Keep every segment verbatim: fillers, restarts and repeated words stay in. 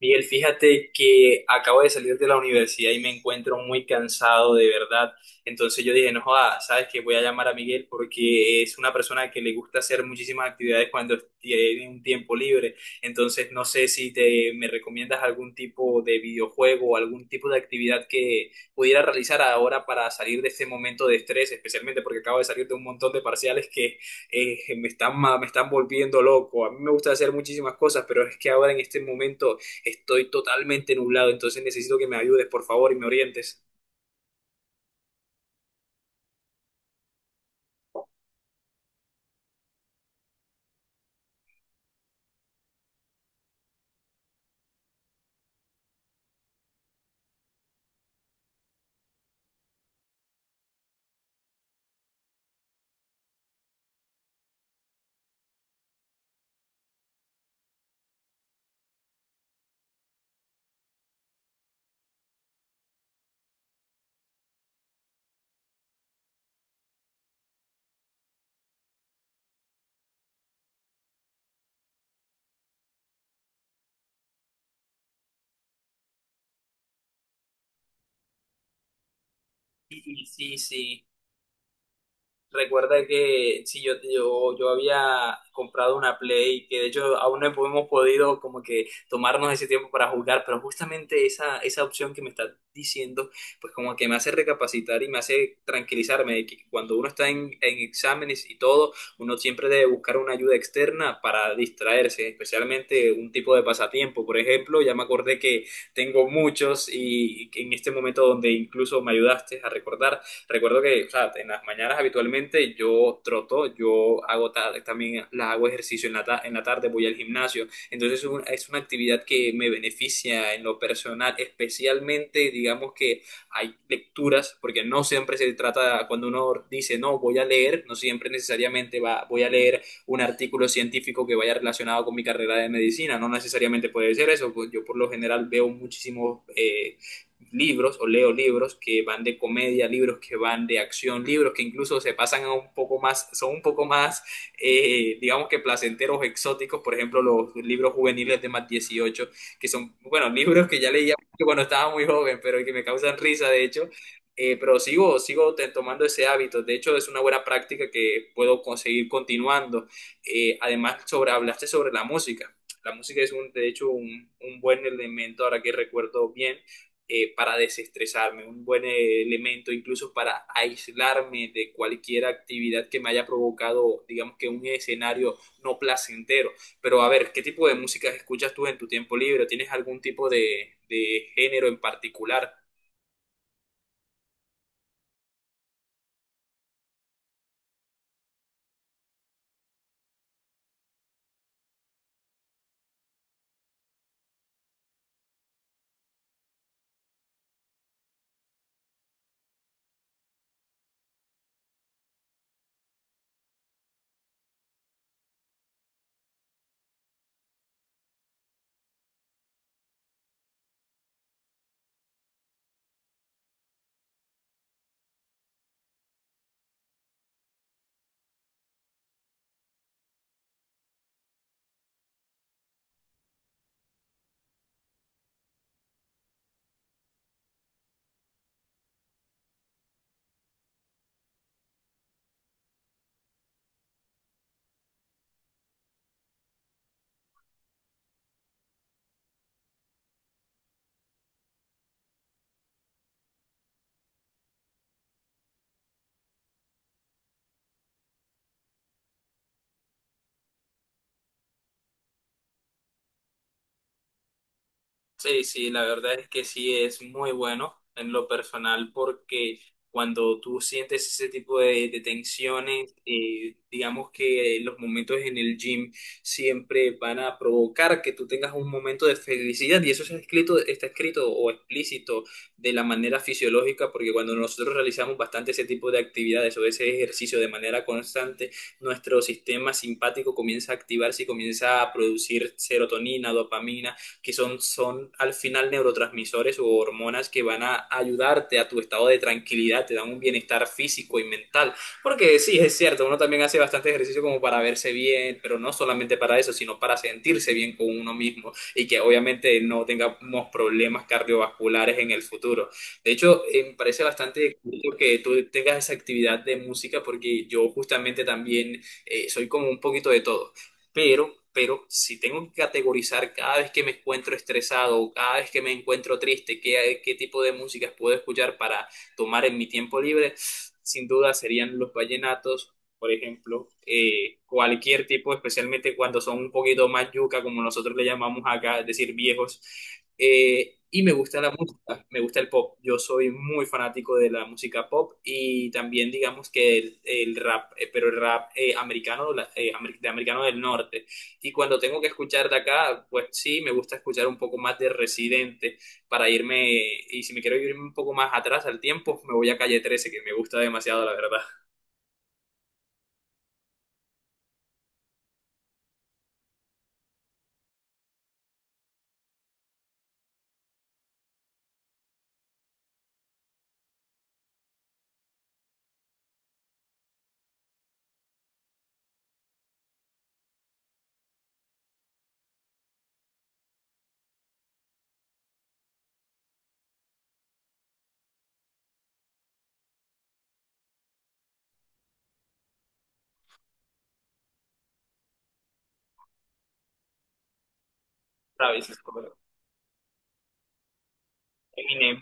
Miguel, fíjate que acabo de salir de la universidad y me encuentro muy cansado de verdad. Entonces yo dije, no joda, sabes que voy a llamar a Miguel porque es una persona que le gusta hacer muchísimas actividades cuando tiene un tiempo libre. Entonces no sé si te me recomiendas algún tipo de videojuego o algún tipo de actividad que pudiera realizar ahora para salir de este momento de estrés, especialmente porque acabo de salir de un montón de parciales que eh, me están, ma- me están volviendo loco. A mí me gusta hacer muchísimas cosas, pero es que ahora en este momento estoy totalmente nublado, entonces necesito que me ayudes, por favor, y me orientes. Sí, sí, sí. Recuerda que si yo, yo, yo había comprado una Play, que de hecho aún no hemos podido como que tomarnos ese tiempo para jugar, pero justamente esa, esa opción que me estás diciendo, pues como que me hace recapacitar y me hace tranquilizarme de que cuando uno está en, en exámenes y todo, uno siempre debe buscar una ayuda externa para distraerse, especialmente un tipo de pasatiempo. Por ejemplo, ya me acordé que tengo muchos y en este momento donde incluso me ayudaste a recordar. Recuerdo que, o sea, en las mañanas habitualmente yo troto, yo hago ta- también la hago ejercicio en la, ta- en la tarde, voy al gimnasio. Entonces es, un- es una actividad que me beneficia en lo personal, especialmente digamos que hay lecturas, porque no siempre se trata, cuando uno dice, no, voy a leer, no siempre necesariamente va, voy a leer un artículo científico que vaya relacionado con mi carrera de medicina, no necesariamente puede ser eso, pues yo por lo general veo muchísimos eh, libros o leo libros que van de comedia, libros que van de acción, libros que incluso se pasan a un poco más, son un poco más, eh, digamos que placenteros, exóticos, por ejemplo, los libros juveniles de más dieciocho que son, bueno, libros que ya leía mucho cuando estaba muy joven, pero que me causan risa, de hecho, eh, pero sigo, sigo te- tomando ese hábito. De hecho, es una buena práctica que puedo conseguir continuando. Eh, además, sobre, hablaste sobre la música. La música es, un, de hecho, un, un buen elemento, ahora que recuerdo bien, eh, para desestresarme, un buen eh, elemento incluso para aislarme de cualquier actividad que me haya provocado, digamos que un escenario no placentero. Pero a ver, ¿qué tipo de música escuchas tú en tu tiempo libre? ¿Tienes algún tipo de, de género en particular? Sí, sí, la verdad es que sí es muy bueno en lo personal porque cuando tú sientes ese tipo de, de tensiones, eh, digamos que los momentos en el gym siempre van a provocar que tú tengas un momento de felicidad y eso está escrito, está escrito o explícito de la manera fisiológica porque cuando nosotros realizamos bastante ese tipo de actividades o ese ejercicio de manera constante, nuestro sistema simpático comienza a activarse y comienza a producir serotonina, dopamina que son, son al final neurotransmisores o hormonas que van a ayudarte a tu estado de tranquilidad, te dan un bienestar físico y mental. Porque sí, es cierto, uno también hace bastante ejercicio como para verse bien, pero no solamente para eso, sino para sentirse bien con uno mismo y que obviamente no tengamos problemas cardiovasculares en el futuro. De hecho, eh, me parece bastante curioso que tú tengas esa actividad de música porque yo justamente también eh, soy como un poquito de todo, pero, pero si tengo que categorizar cada vez que me encuentro estresado o cada vez que me encuentro triste, qué, qué tipo de músicas puedo escuchar para tomar en mi tiempo libre, sin duda serían los vallenatos por ejemplo, eh, cualquier tipo, especialmente cuando son un poquito más yuca, como nosotros le llamamos acá, es decir, viejos. Eh, y me gusta la música, me gusta el pop. Yo soy muy fanático de la música pop y también digamos que el, el rap, eh, pero el rap eh, americano, la- eh, amer- de americano del norte. Y cuando tengo que escuchar de acá, pues sí, me gusta escuchar un poco más de Residente para irme, y si me quiero irme un poco más atrás al tiempo, me voy a Calle trece que me gusta demasiado, la verdad. Travis Eminem.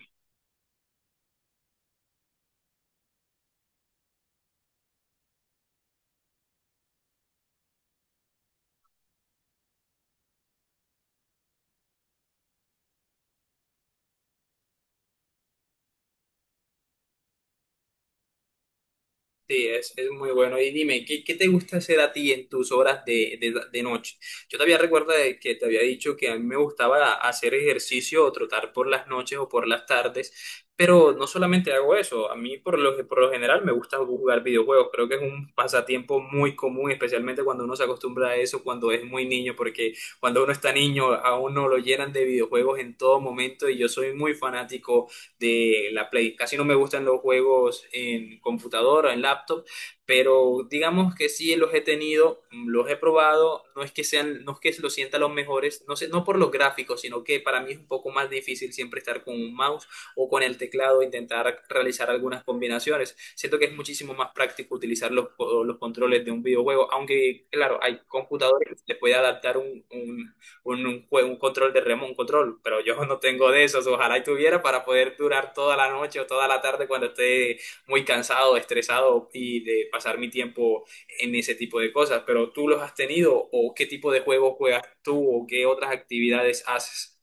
Sí, es, es muy bueno. Y dime, ¿qué, qué te gusta hacer a ti en tus horas de, de, de noche? Yo todavía recuerdo de que te había dicho que a mí me gustaba hacer ejercicio o trotar por las noches o por las tardes, pero no solamente hago eso, a mí por lo, por lo general me gusta jugar videojuegos. Creo que es un pasatiempo muy común, especialmente cuando uno se acostumbra a eso, cuando es muy niño, porque cuando uno está niño a uno lo llenan de videojuegos en todo momento y yo soy muy fanático de la Play. Casi no me gustan los juegos en computadora, en laptop, pero digamos que sí los he tenido, los he probado, no es que sean, no es que los sienta los mejores, no sé, no por los gráficos, sino que para mí es un poco más difícil siempre estar con un mouse o con el teclado, e intentar realizar algunas combinaciones. Siento que es muchísimo más práctico utilizar los, los controles de un videojuego, aunque claro, hay computadores que se les puede adaptar un, un un, un, jue- un control de remo, un control, pero yo no tengo de esos, ojalá y tuviera para poder durar toda la noche o toda la tarde cuando esté muy cansado, estresado y de pasar mi tiempo en ese tipo de cosas, pero ¿tú los has tenido o qué tipo de juegos juegas tú o qué otras actividades haces?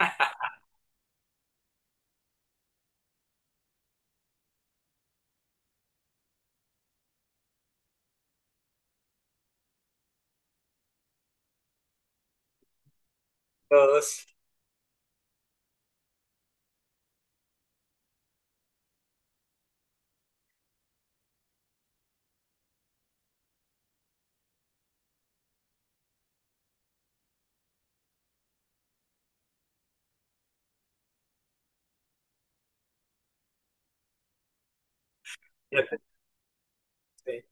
Todos. Sí,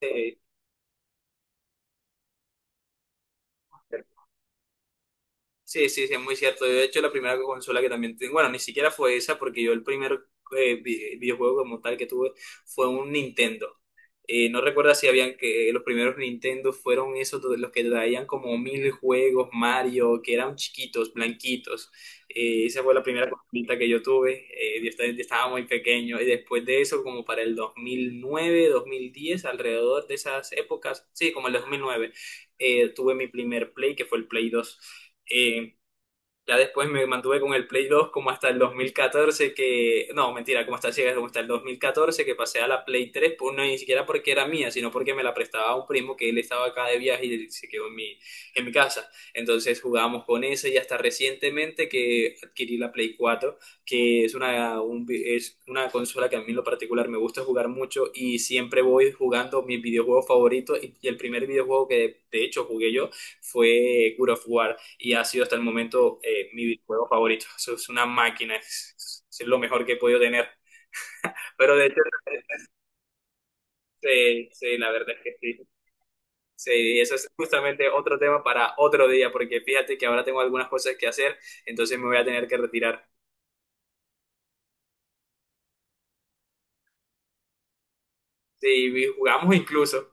sí. Sí, sí, sí, es muy cierto. Yo, de hecho, la primera consola que también tengo, bueno, ni siquiera fue esa, porque yo el primer eh, vi- videojuego como tal que tuve fue un Nintendo. Eh, no recuerdo si habían que los primeros Nintendo fueron esos de los que traían como mil juegos, Mario, que eran chiquitos, blanquitos. Eh, esa fue la primera consolita que yo tuve. Eh, yo esta- yo estaba muy pequeño. Y después de eso, como para el dos mil nueve, dos mil diez, alrededor de esas épocas, sí, como el dos mil nueve, eh, tuve mi primer Play, que fue el Play dos. Ya después me mantuve con el Play dos como hasta el dos mil catorce que... No, mentira, como hasta, sí, como hasta el dos mil catorce que pasé a la Play tres, pues no ni siquiera porque era mía, sino porque me la prestaba un primo que él estaba acá de viaje y se quedó en mi, en mi casa. Entonces jugábamos con esa y hasta recientemente que adquirí la Play cuatro, que es una, un vi- es una consola que a mí en lo particular me gusta jugar mucho y siempre voy jugando mis videojuegos favoritos y, y el primer videojuego que de hecho jugué yo fue God of War y ha sido hasta el momento eh, mi videojuego favorito. Eso es una máquina, es, es lo mejor que he podido tener. Pero de hecho, sí, sí, la verdad es que sí. Sí, eso es justamente otro tema para otro día, porque fíjate que ahora tengo algunas cosas que hacer, entonces me voy a tener que retirar. Sí, jugamos incluso.